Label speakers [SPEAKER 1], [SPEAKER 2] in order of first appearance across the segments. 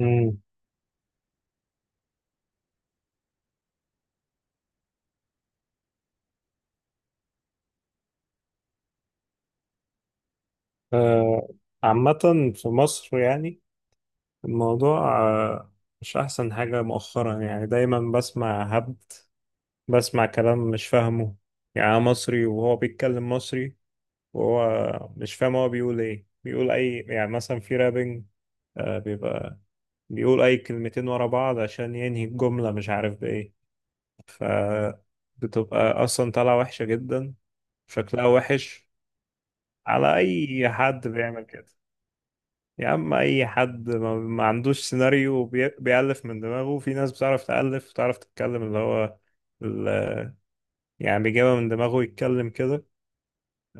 [SPEAKER 1] مم. آه، عامة في مصر يعني الموضوع مش أحسن حاجة مؤخرا. يعني دايما بسمع هبد، بسمع كلام مش فاهمه. يعني أنا مصري وهو بيتكلم مصري، وهو مش فاهم هو بيقول إيه، بيقول أي، يعني مثلا في رابنج. بيبقى بيقول أي كلمتين ورا بعض عشان ينهي الجملة مش عارف بإيه، فبتبقى أصلا طالعة وحشة جدا، شكلها وحش. على أي حد بيعمل كده، يا عم اي حد ما عندوش سيناريو بيألف من دماغه. في ناس بتعرف تألف وتعرف تتكلم، اللي هو ال- يعني بيجيبها من دماغه يتكلم كده.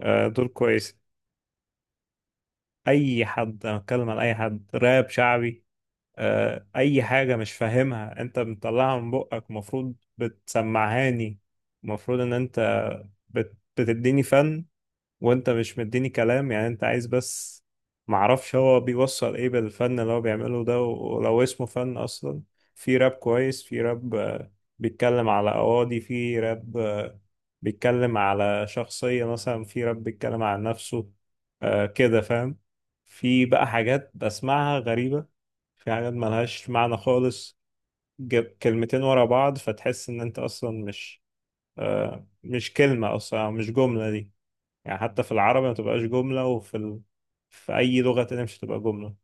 [SPEAKER 1] دول كويس. اي حد، انا بتكلم على اي حد، راب شعبي. اي حاجة مش فاهمها انت بتطلعها من بقك، المفروض بتسمعهاني. المفروض ان انت بتديني فن، وانت مش مديني كلام، يعني انت عايز بس معرفش هو بيوصل ايه بالفن اللي هو بيعمله ده، ولو اسمه فن اصلا. في راب كويس، في راب بيتكلم على قواضي، في راب بيتكلم على شخصية، مثلا في راب بيتكلم على نفسه. كده فاهم. في بقى حاجات بسمعها غريبة، في حاجات ملهاش معنى خالص. كلمتين ورا بعض فتحس ان انت اصلا مش مش كلمة اصلا، أو مش جملة دي. يعني حتى في العربي ما تبقاش جملة، وفي في أي لغة تانية مش هتبقى جملة.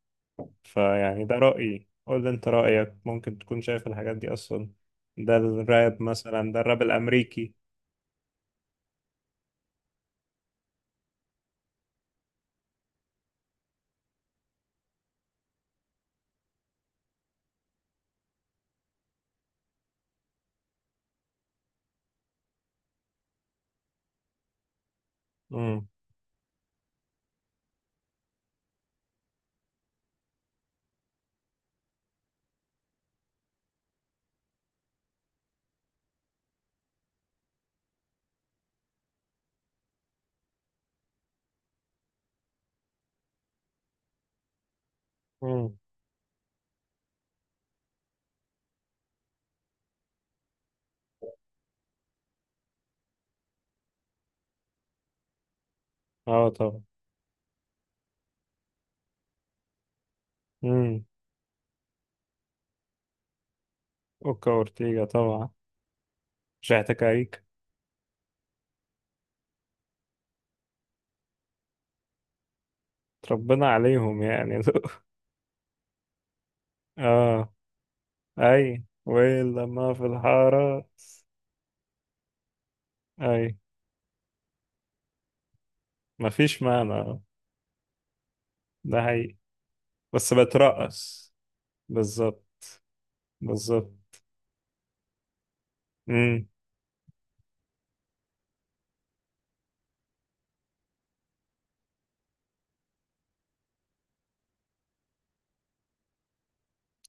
[SPEAKER 1] فيعني ده رأيي، قول لي أنت رأيك، ممكن تكون شايف الحاجات دي أصلا. ده الراب، مثلا ده الراب الأمريكي. امم امم. اه طبعا. امم. أوكا أورتيجا طبعا، شحت كاريك. ربنا عليهم يعني. اه. أي ويل لما في الحارة. أي. مفيش معنى، ده حقيقي. بس بترقص، بالظبط، بالظبط.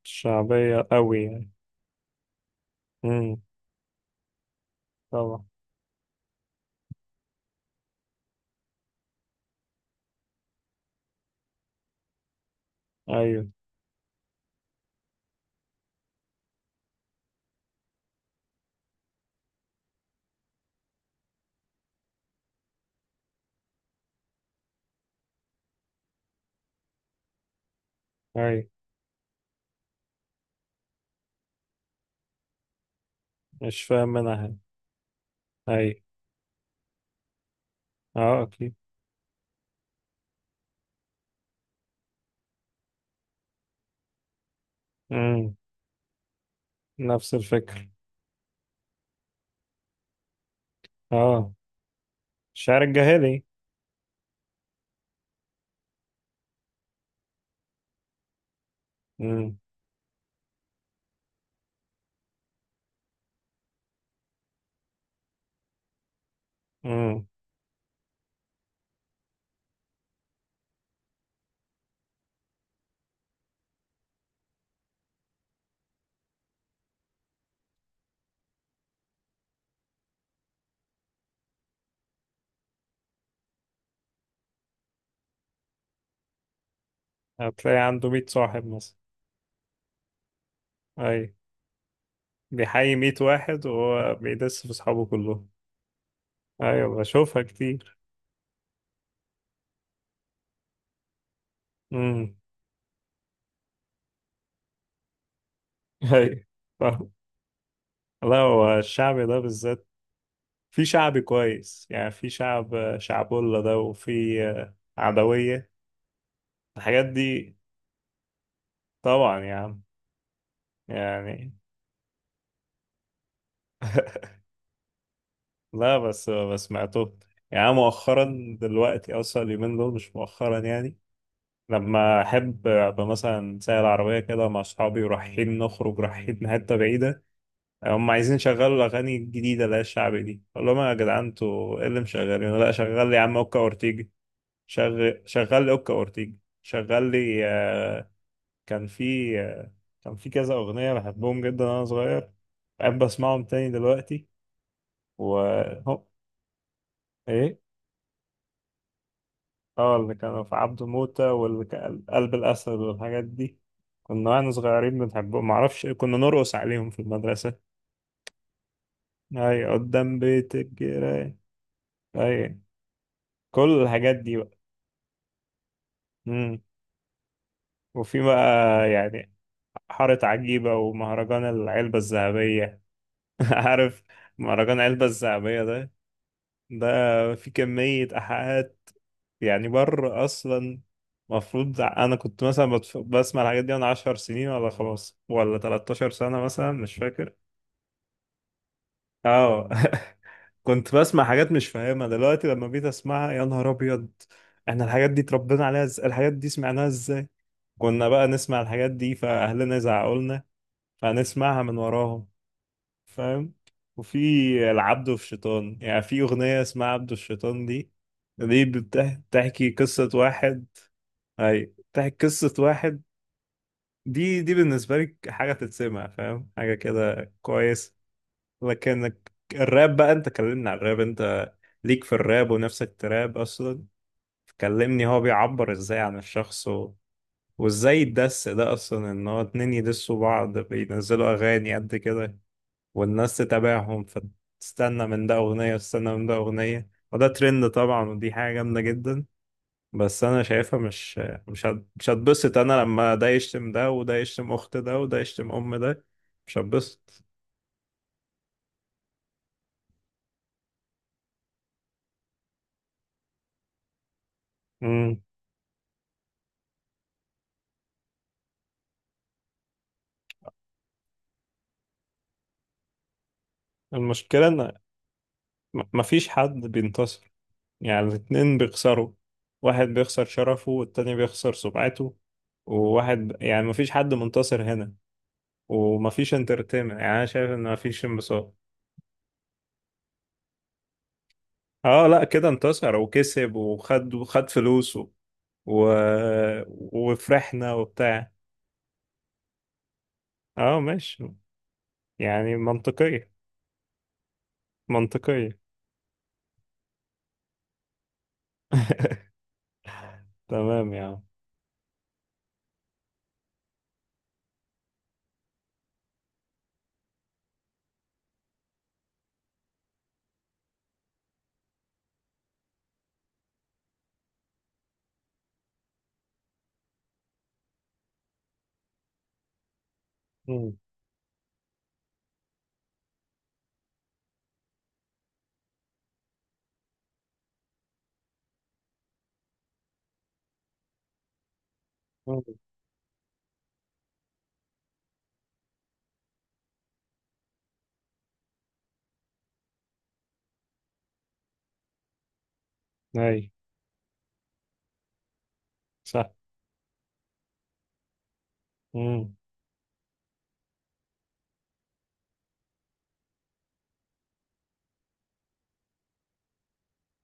[SPEAKER 1] شعبية قوي يعني. امم. طبعا. ايوه. ايوه. مش فاهم منها يعني. ايوه. اه اكيد. امم. نفس الفكرة، اه. الشعر الجاهلي. امم. امم. هتلاقي عنده 100 صاحب مثلا. ايوه، بيحيي 100 واحد وهو بيدس في صحابه كلهم. ايوه بشوفها كتير. امم. ايوه. فاهم. لا، هو الشعبي ده بالذات في شعبي كويس يعني. في شعب شعبولة ده، وفي عدوية، الحاجات دي. طبعا يعني. يعني لا، بس سمعته. يعني أنا مؤخرا دلوقتي اصلا، اليومين دول مش مؤخرا يعني. لما احب ابقى مثلا سايق العربيه كده مع اصحابي، ورايحين نخرج رايحين حته بعيده. هم عايزين يشغلوا الاغاني الجديده اللي هي الشعبي دي، اقول لهم يا جدعان انتوا ايه اللي مشغلينه، لا شغل لي يا عم اوكا اورتيجي. شغل لي اوكا اورتيجي. شغل لي كان في آه، كان في كذا اغنيه بحبهم جدا وانا صغير، بحب اسمعهم تاني دلوقتي و... ايه. اه، اللي كانوا في عبده موتة، واللي كان قلب الاسد والحاجات دي. كنا واحنا صغيرين بنحبهم، معرفش كنا نرقص عليهم في المدرسة. اي، قدام بيت الجيران. اي. كل الحاجات دي بقى. امم. وفي بقى يعني حارة عجيبة، ومهرجان العلبة الذهبية. عارف مهرجان العلبة الذهبية ده، ده في كمية إيحاءات يعني بره اصلا. المفروض انا كنت مثلا بسمع الحاجات دي وانا 10 سنين، ولا خلاص ولا 13 سنة مثلا، مش فاكر. اه كنت بسمع حاجات مش فاهمها دلوقتي، لما بقيت اسمعها يا نهار ابيض. احنا الحاجات دي اتربينا عليها ازاي؟ الحاجات دي سمعناها ازاي؟ كنا بقى نسمع الحاجات دي فاهلنا يزعقوا لنا، فنسمعها من وراهم. فاهم. وفي العبد والشيطان، يعني في اغنية اسمها عبد والشيطان دي، دي بتحكي قصة واحد. اي، بتحكي قصة واحد. دي بالنسبة لي حاجة تتسمع، فاهم، حاجة كده كويس. لكن الراب بقى، انت كلمني على الراب، انت ليك في الراب ونفسك تراب اصلا. كلمني هو بيعبر ازاي عن الشخص، و... وازاي الدس ده اصلا، ان هو اتنين يدسوا بعض بينزلوا اغاني قد كده، والناس تتابعهم فتستنى من ده اغنية وتستنى من ده اغنية، وده ترند طبعا، ودي حاجة جامدة جدا. بس انا شايفها مش مش هتبسط. انا لما ده يشتم ده، وده يشتم اخت ده، وده يشتم ام ده، مش هتبسط. امم. المشكله ان مفيش حد بينتصر، يعني الاتنين بيخسروا. واحد بيخسر شرفه والتاني بيخسر سمعته. وواحد يعني مفيش حد منتصر هنا، ومفيش انترتينمنت، يعني انا شايف ان مفيش انبساط. اه لا، كده انتصر وكسب، وخد فلوسه و... وفرحنا وبتاع. اه ماشي، يعني منطقية، منطقية. تمام يا عم. مم. مم. أي. صح. مم.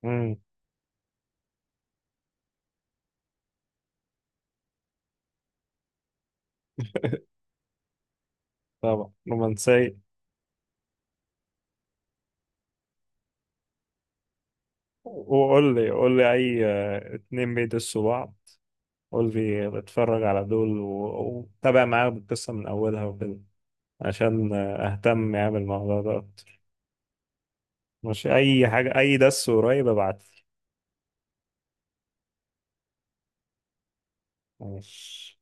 [SPEAKER 1] مم. طبعا رومانسية. وقول لي، قول لي أي اتنين بيدسوا بعض. قول لي بتفرج على دول وتابع معاهم القصة من أولها وكده، عشان أهتم يعني بالموضوع ده أكتر. مش أي حاجة، أي دس قريب ابعت لي. ماشي.